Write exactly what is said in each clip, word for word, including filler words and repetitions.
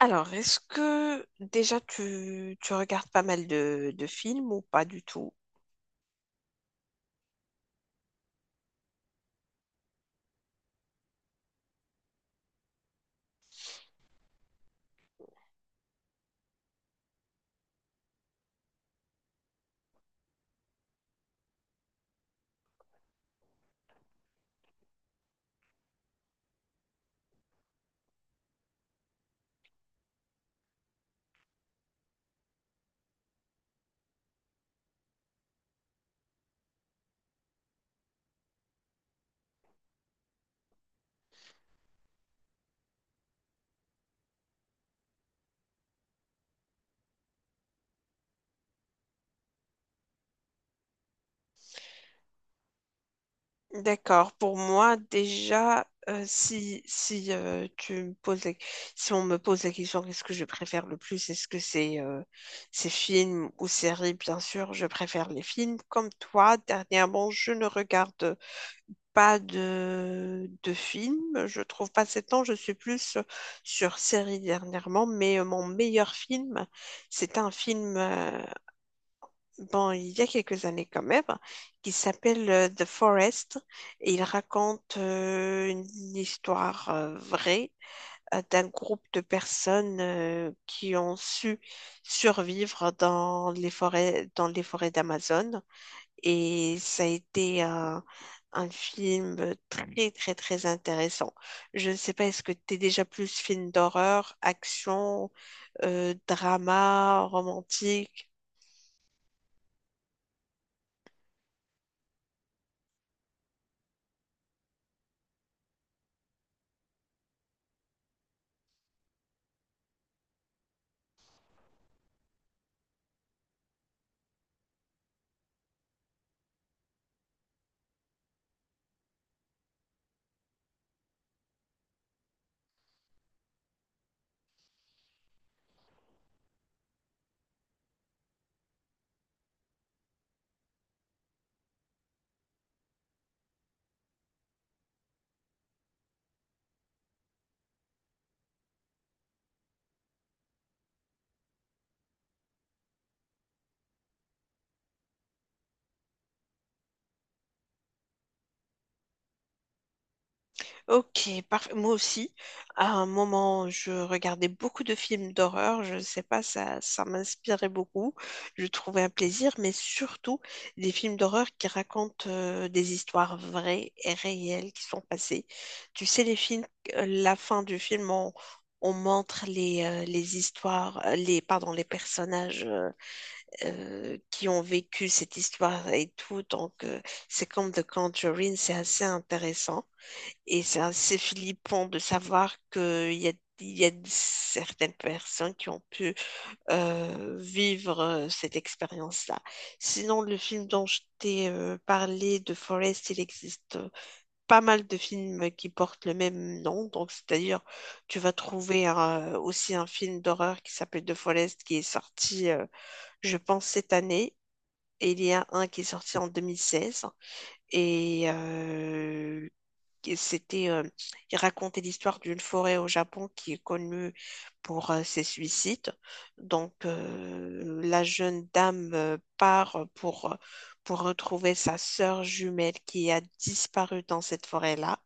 Alors, est-ce que déjà tu, tu regardes pas mal de, de films ou pas du tout? D'accord, pour moi déjà, euh, si, si, euh, tu me poses la- si on me pose la question qu'est-ce que je préfère le plus, est-ce que c'est euh, c'est films ou séries? Bien sûr, je préfère les films. Comme toi, dernièrement, je ne regarde pas de, de films. Je trouve pas assez de temps. Je suis plus sur séries dernièrement, mais euh, mon meilleur film, c'est un film. euh, bon, il y a quelques années quand même, qui s'appelle euh, The Forest. Et il raconte euh, une histoire euh, vraie euh, d'un groupe de personnes euh, qui ont su survivre dans les forêts, dans les forêts d'Amazon. Et ça a été euh, un film très, très, très intéressant. Je ne sais pas, est-ce que tu es déjà plus film d'horreur, action, euh, drama, romantique? Ok, parfait. Moi aussi, à un moment, je regardais beaucoup de films d'horreur. Je ne sais pas, ça, ça m'inspirait beaucoup. Je trouvais un plaisir, mais surtout des films d'horreur qui racontent euh, des histoires vraies et réelles qui sont passées. Tu sais, les films, euh, la fin du film, on, on montre les, euh, les histoires, euh, les, pardon, les personnages euh, euh, qui ont vécu cette histoire et tout. Donc, euh, c'est comme The Conjuring, c'est assez intéressant. Et c'est assez flippant de savoir qu'il y a, il y a certaines personnes qui ont pu euh, vivre euh, cette expérience-là. Sinon, le film dont je t'ai euh, parlé, de Forest, il existe euh, pas mal de films qui portent le même nom. Donc, c'est-à-dire, tu vas trouver euh, aussi un film d'horreur qui s'appelle The Forest qui est sorti, euh, je pense, cette année. Et il y a un qui est sorti en deux mille seize. Et euh, qui- C'était, euh, il racontait l'histoire d'une forêt au Japon qui est connue pour euh, ses suicides. Donc, euh, la jeune dame euh, part pour, pour retrouver sa sœur jumelle qui a disparu dans cette forêt-là.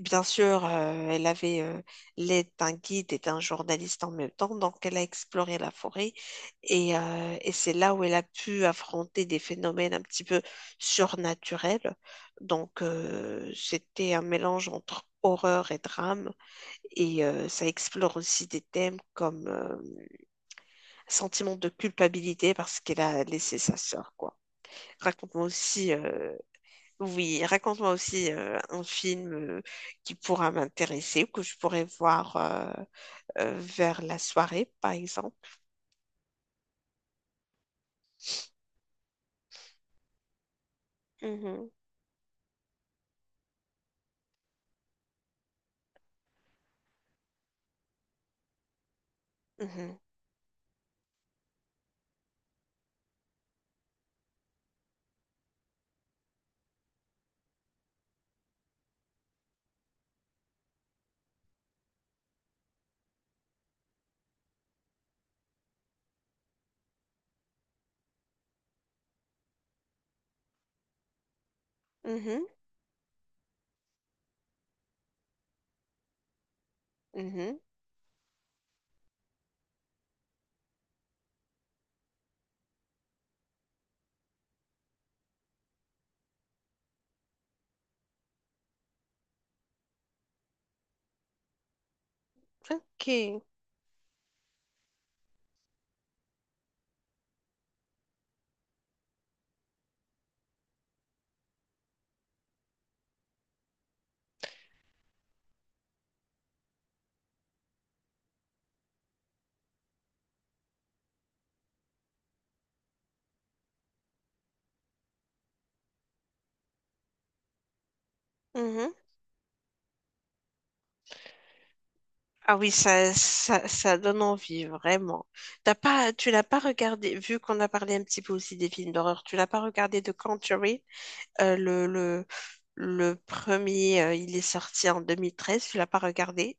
Bien sûr, euh, elle avait euh, l'aide d'un guide et d'un journaliste en même temps, donc elle a exploré la forêt et, euh, et c'est là où elle a pu affronter des phénomènes un petit peu surnaturels. Donc euh, c'était un mélange entre horreur et drame et euh, ça explore aussi des thèmes comme euh, sentiment de culpabilité parce qu'elle a laissé sa sœur, quoi. Raconte-moi aussi euh, Oui, raconte-moi aussi euh, un film euh, qui pourra m'intéresser ou que je pourrais voir euh, euh, vers la soirée, par exemple. Mhm, mhm, mhm, mhm. Ok. Mhm. Ah oui, ça, ça, ça donne envie, vraiment. T'as pas, tu l'as pas regardé, vu qu'on a parlé un petit peu aussi des films d'horreur, tu l'as pas regardé The Conjuring, Euh, le, le, le premier, euh, il est sorti en deux mille treize, tu l'as pas regardé?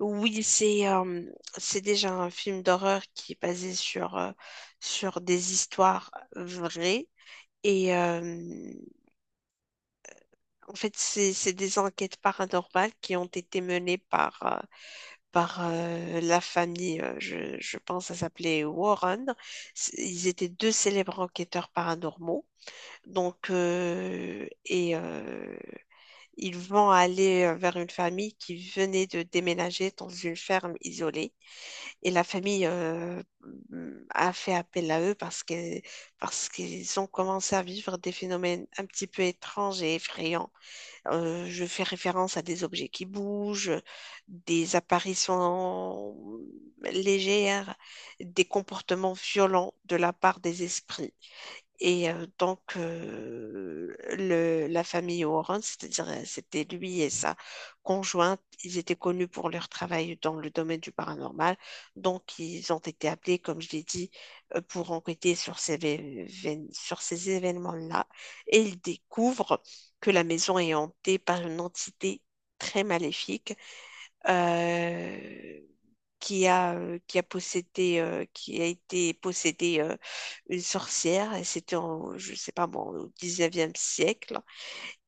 Oui, c'est euh, c'est déjà un film d'horreur qui est basé sur, euh, sur des histoires vraies. Et euh, en fait, c'est c'est des enquêtes paranormales qui ont été menées par, euh, par euh, la famille, euh, je, je pense, ça s'appelait Warren. C'est- Ils étaient deux célèbres enquêteurs paranormaux. Donc, euh, et euh, ils vont aller vers une famille qui venait de déménager dans une ferme isolée. Et la famille euh, mm, a fait appel à eux parce que, parce qu'ils ont commencé à vivre des phénomènes un petit peu étranges et effrayants. Euh, je fais référence à des objets qui bougent, des apparitions légères, des comportements violents de la part des esprits. Et euh, donc, euh, le- la famille Warren, c'est-à-dire euh, c'était lui et sa conjointe, ils étaient connus pour leur travail dans le domaine du paranormal. Donc, ils ont été appelés, comme je l'ai dit, euh, pour enquêter sur ces, vé- vén- sur ces événements-là. Et ils découvrent que la maison est hantée par une entité très maléfique. Euh, qui a, euh, qui a possédé, euh, qui a été possédée euh, une sorcière, et c'était en, je sais pas moi, au dix-neuvième siècle.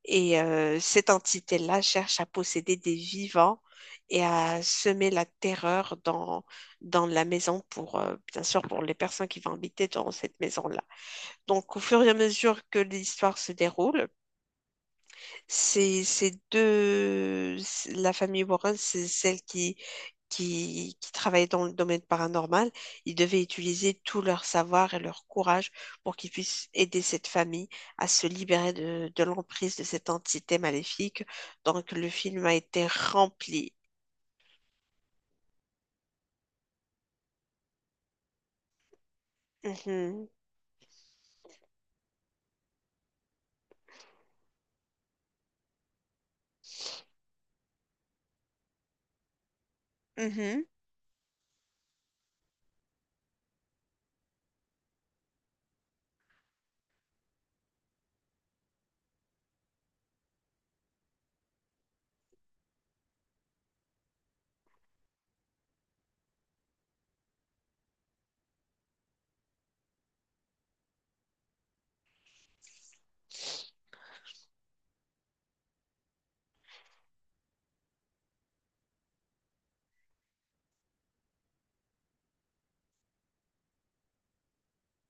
Et euh, cette entité-là cherche à posséder des vivants et à semer la terreur dans, dans la maison pour, euh, bien sûr, pour les personnes qui vont habiter dans cette maison-là. Donc, au fur et à mesure que l'histoire se déroule, c'est, c'est deux, la famille Warren, c'est celle qui qui, qui travaillaient dans le domaine paranormal, ils devaient utiliser tout leur savoir et leur courage pour qu'ils puissent aider cette famille à se libérer de, de l'emprise de cette entité maléfique. Donc le film a été rempli. Mhm, mhm,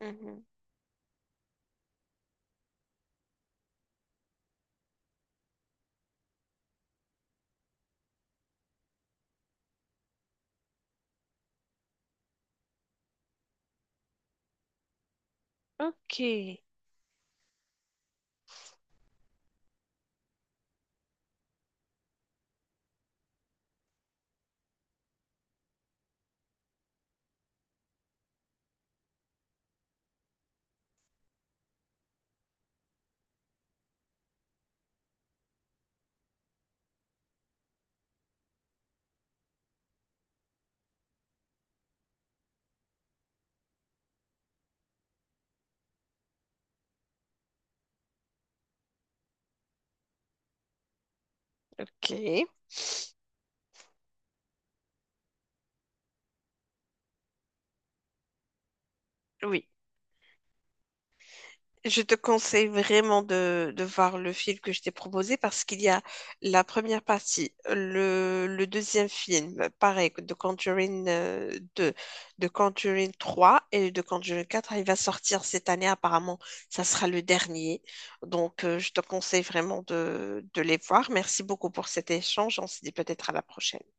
mhm. Ok. Ok. Oui. Je te conseille vraiment de, de voir le film que je t'ai proposé parce qu'il y a la première partie, le, le deuxième film, pareil, de Conjuring euh, deux, de Conjuring trois et de Conjuring quatre. Il va sortir cette année, apparemment, ça sera le dernier. Donc, euh, je te conseille vraiment de, de les voir. Merci beaucoup pour cet échange. On se dit peut-être à la prochaine.